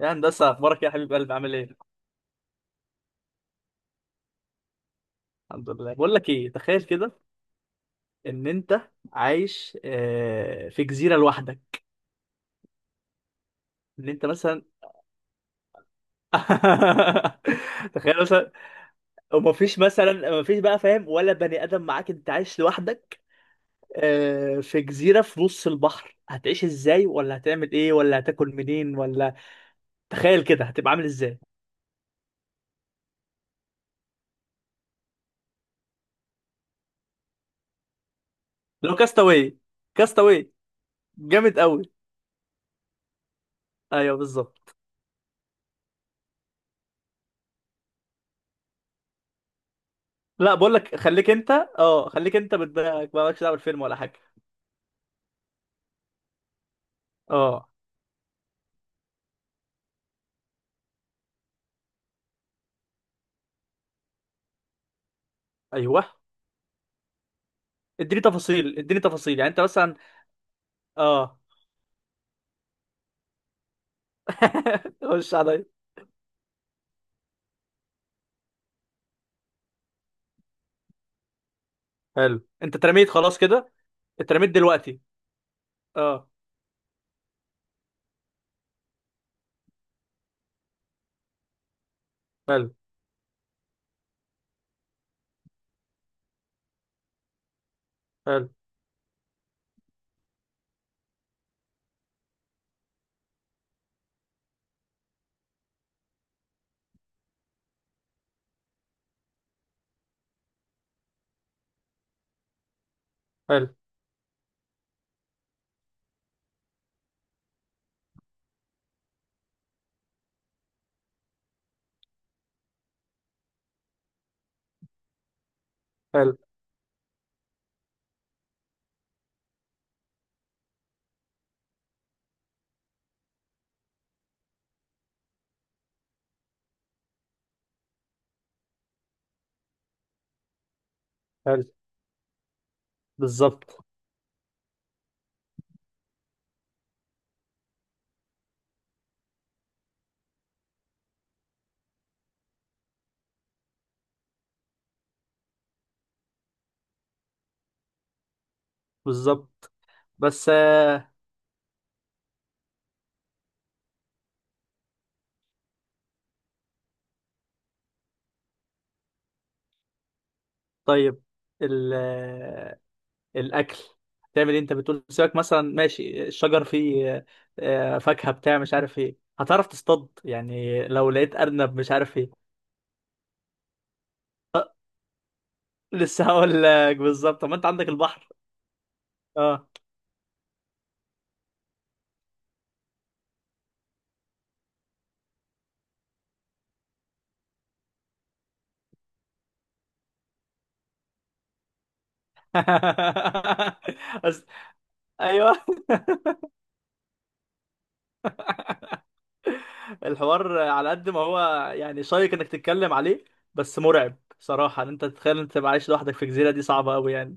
يا هندسة أخبارك إيه يا حبيب قلبي عامل إيه؟ الحمد لله، بقول لك إيه، تخيل كده إن أنت عايش، في جزيرة لوحدك. إن أنت مثلا تخيل مثلا. ومفيش مثلا، مفيش فاهم، ولا بني آدم معاك، أنت عايش لوحدك في جزيرة في نص البحر. هتعيش إزاي؟ ولا هتعمل إيه؟ ولا هتاكل منين؟ ولا تخيل كده هتبقى عامل إزاي؟ لو كاستاوي. كاستاوي جامد قوي. أيوه بالظبط. لا بقول لك، خليك انت، خليك انت بدماغك، مالكش دعوه بالفيلم ولا حاجه. اه، ايوه اديني تفاصيل، اديني تفاصيل، يعني انت مثلا اه. خش عليا. حلو، انت اترميت خلاص كده؟ اترميت دلوقتي؟ اه. حلو. حلو. حلو. حلو. حلو. بالظبط. بالظبط. بس طيب، ال آه، الاكل، تعمل ايه؟ انت بتقول سيبك مثلا ماشي الشجر فيه فاكهه بتاع مش عارف ايه. هتعرف تصطاد؟ يعني لو لقيت ارنب مش عارف ايه. لسه هقول لك بالظبط، طب ما انت عندك البحر. اه. بس ايوه، الحوار على قد ما هو يعني شيق انك تتكلم عليه، بس مرعب صراحه ان انت تتخيل انت تبقى عايش لوحدك في جزيره، دي صعبه قوي يعني.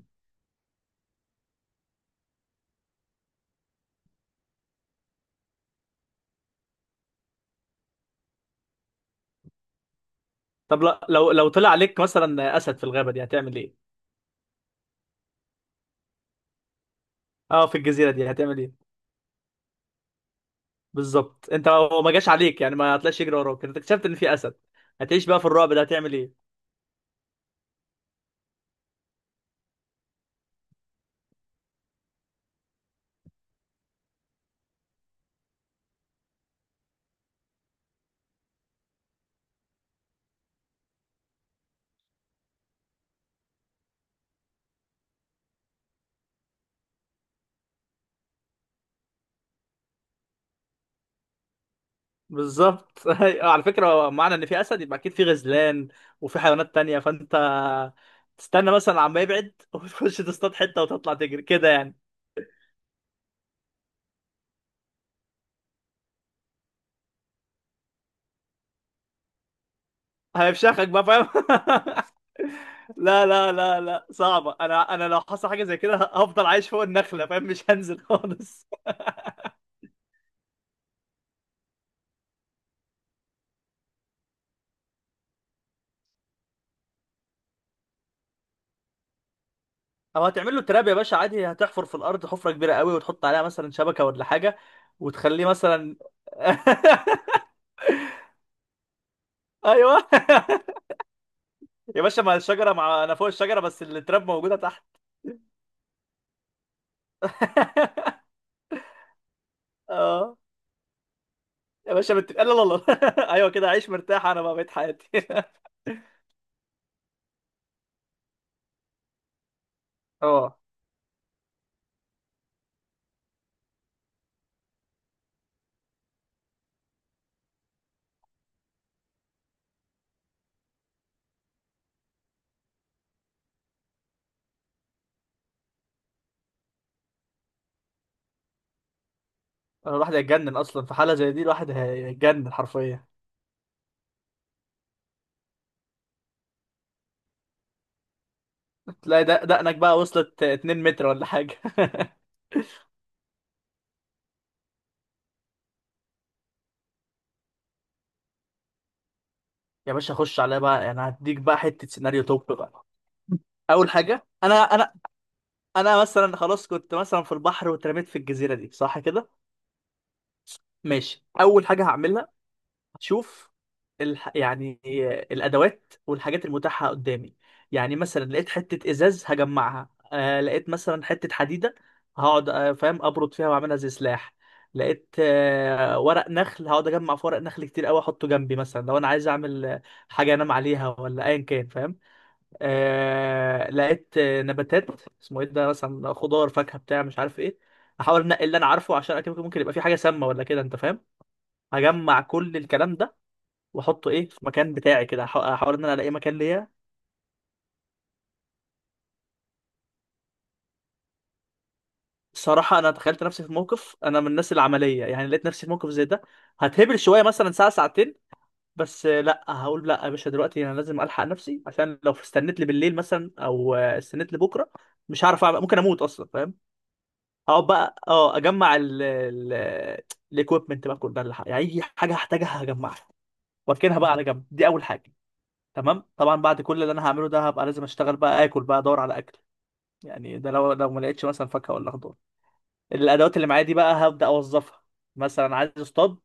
طب لو طلع عليك مثلا اسد في الغابه دي هتعمل ايه؟ اه في الجزيره دي هتعمل ايه؟ بالظبط، انت هو ما جاش عليك يعني، ما هتلاقيش يجري وراك، انت اكتشفت ان في اسد. هتعيش بقى في الرعب ده، هتعمل ايه؟ بالظبط. أيوة، على فكرة هو معنى ان في اسد يبقى اكيد في غزلان وفي حيوانات تانية، فانت تستنى مثلا عما يبعد وتخش تصطاد حتة وتطلع تجري كده يعني. هيفشخك بقى فاهم. لا، صعبة، انا لو حصل حاجة زي كده هفضل عايش فوق النخلة فاهم، مش هنزل خالص. او هتعمل له تراب يا باشا، عادي هتحفر في الارض حفرة كبيرة قوي وتحط عليها مثلا شبكة ولا حاجة، وتخليه مثلا. ايوه يا باشا، مع الشجرة، مع انا فوق الشجرة بس التراب موجودة تحت. اه. يا باشا لا، ايوه كده عيش مرتاح، انا بقى بقيت حياتي. اه، انا الواحد هيتجنن اصلا في حاله زي دي، الواحد هيتجنن حرفيا، تلاقي دقنك بقى وصلت 2 متر ولا حاجه. يا باشا خش عليا بقى، انا هديك بقى حته سيناريو توب بقى. اول حاجه، انا مثلا خلاص كنت مثلا في البحر واترميت في الجزيره دي، صح كده؟ ماشي، اول حاجه هعملها، شوف يعني الادوات والحاجات المتاحه قدامي، يعني مثلا لقيت حته ازاز هجمعها، لقيت مثلا حته حديده هقعد فاهم ابرد فيها واعملها زي سلاح. لقيت ورق نخل، هقعد اجمع في ورق نخل كتير قوي احطه جنبي، مثلا لو انا عايز اعمل حاجه انام عليها ولا ايا كان فاهم. لقيت نباتات، اسمه ايه ده، مثلا خضار، فاكهه بتاع مش عارف ايه، احاول انقي اللي انا عارفه، عشان اكيد ممكن يبقى في حاجه سامه ولا كده انت فاهم. هجمع كل الكلام ده واحطه ايه في مكان بتاعي كده، هحاول ان انا الاقي مكان ليا. الصراحه انا تخيلت نفسي في موقف، انا من الناس العمليه يعني، لقيت نفسي في موقف زي ده هتهبل شويه مثلا ساعه ساعتين، بس لا هقول لا يا باشا، دلوقتي انا لازم الحق نفسي، عشان لو استنيت لي بالليل مثلا او استنيت لي بكره مش هعرف ممكن اموت اصلا فاهم. هقعد بقى اه اجمع ال الاكويبمنت بقى، كل ده، اللي يعني اي حاجه هحتاجها هجمعها واركنها بقى على جنب، دي اول حاجه. تمام، طبعا بعد كل اللي انا هعمله ده هبقى لازم اشتغل بقى، اكل بقى، ادور على اكل، يعني ده لو ما لقيتش مثلا فاكهه ولا خضار. الادوات اللي معايا دي بقى هبدا اوظفها، مثلا عايز اصطاد،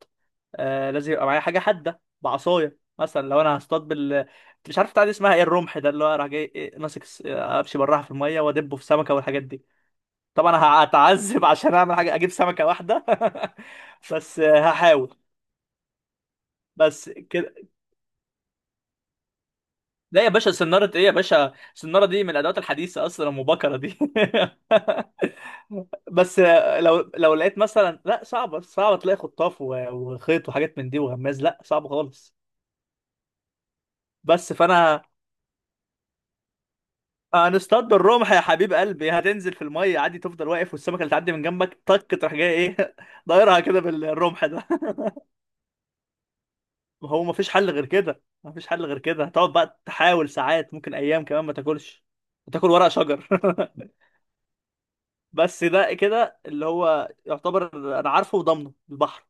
لازم يبقى معايا حاجه حاده، بعصايه مثلا، لو انا هصطاد بال مش عارف بتاع دي اسمها ايه، الرمح ده اللي هو راح جاي إيه، ماسك امشي براها في الميه وادبه في سمكه والحاجات دي. طبعا أنا هتعذب عشان اعمل حاجه، اجيب سمكه واحده. بس هحاول بس كده. لا يا باشا سنارة ايه يا باشا، السنارة دي من الادوات الحديثة اصلا، ام بكرة دي. بس لو لقيت مثلا، لا صعبه، صعبه تلاقي خطاف وخيط وحاجات من دي وغماز، لا صعب خالص. بس فانا هنصطاد بالرمح يا حبيب قلبي، هتنزل في الميه عادي، تفضل واقف والسمكه اللي تعدي من جنبك طك تروح جاي ايه، دايرها كده بالرمح ده. ما هو مفيش حل غير كده، مفيش حل غير كده، هتقعد بقى تحاول ساعات ممكن ايام كمان ما تاكلش، تاكل ورق شجر. بس ده كده اللي هو يعتبر، انا عارفه وضامنه البحر.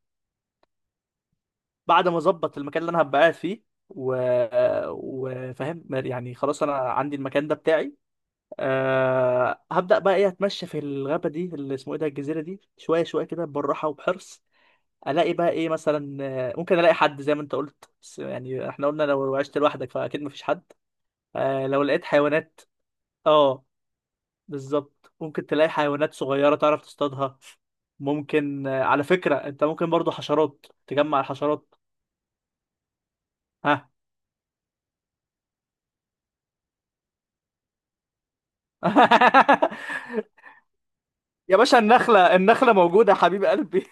بعد ما اظبط المكان اللي انا هبقى قاعد فيه و... وفاهم يعني خلاص انا عندي المكان ده بتاعي، هبدأ بقى ايه، اتمشى في الغابة دي اللي اسمه ايه ده، الجزيرة دي، شوية شوية كده بالراحة وبحرص، الاقي بقى ايه مثلا. ممكن الاقي حد زي ما انت قلت، بس يعني احنا قلنا لو عشت لوحدك فاكيد مفيش حد. لو لقيت حيوانات، اه بالظبط، ممكن تلاقي حيوانات صغيرة تعرف تصطادها. ممكن على فكرة انت ممكن برضو حشرات، تجمع الحشرات. ها. يا باشا النخلة، النخلة موجودة يا حبيب قلبي.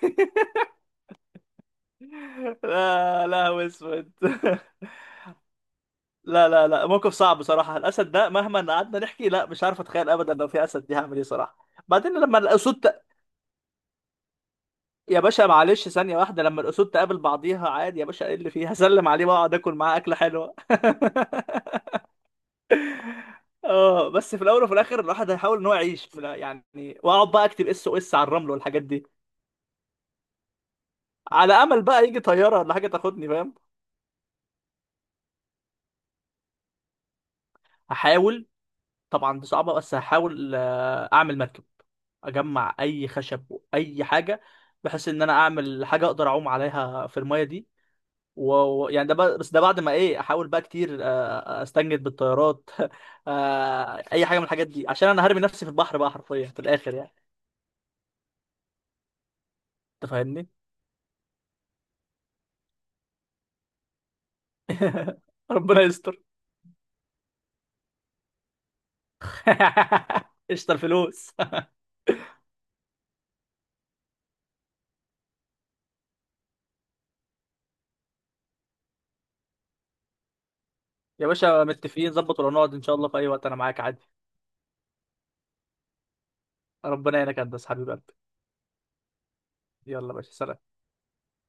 لا، هو اسود. لا، موقف صعب بصراحة، الأسد ده مهما قعدنا نحكي، لا مش عارف أتخيل أبدا لو في أسد دي هعمل إيه صراحة، بعدين لما الأسود يا باشا معلش ثانية واحدة، لما الأسود تقابل بعضيها عادي يا باشا، إيه اللي فيها، هسلم عليه وأقعد آكل معاه أكلة حلوة. اه، بس في الأول وفي الآخر الواحد هيحاول إن هو يعيش في يعني، وأقعد بقى أكتب اس او اس على الرمل والحاجات دي، على أمل بقى يجي طيارة ولا حاجة تاخدني فاهم. هحاول، طبعا دي صعبة بس هحاول أعمل مركب، أجمع أي خشب وأي حاجة بحيث إن أنا أعمل حاجة أقدر أعوم عليها في المية دي، و- يعني ده بقى، بس ده بعد ما إيه، أحاول بقى كتير أستنجد بالطيارات. أي حاجة من الحاجات دي، عشان أنا هرمي نفسي في البحر بقى حرفيا في الآخر يعني. أنت فاهمني؟ ربنا يستر. قشطة الفلوس. يا باشا متفقين، ظبط ولا نقعد إن شاء الله في أي وقت، أنا معاك عادي. ربنا يعينك يا هندسة حبيب قلبي. يلا يا باشا سلام.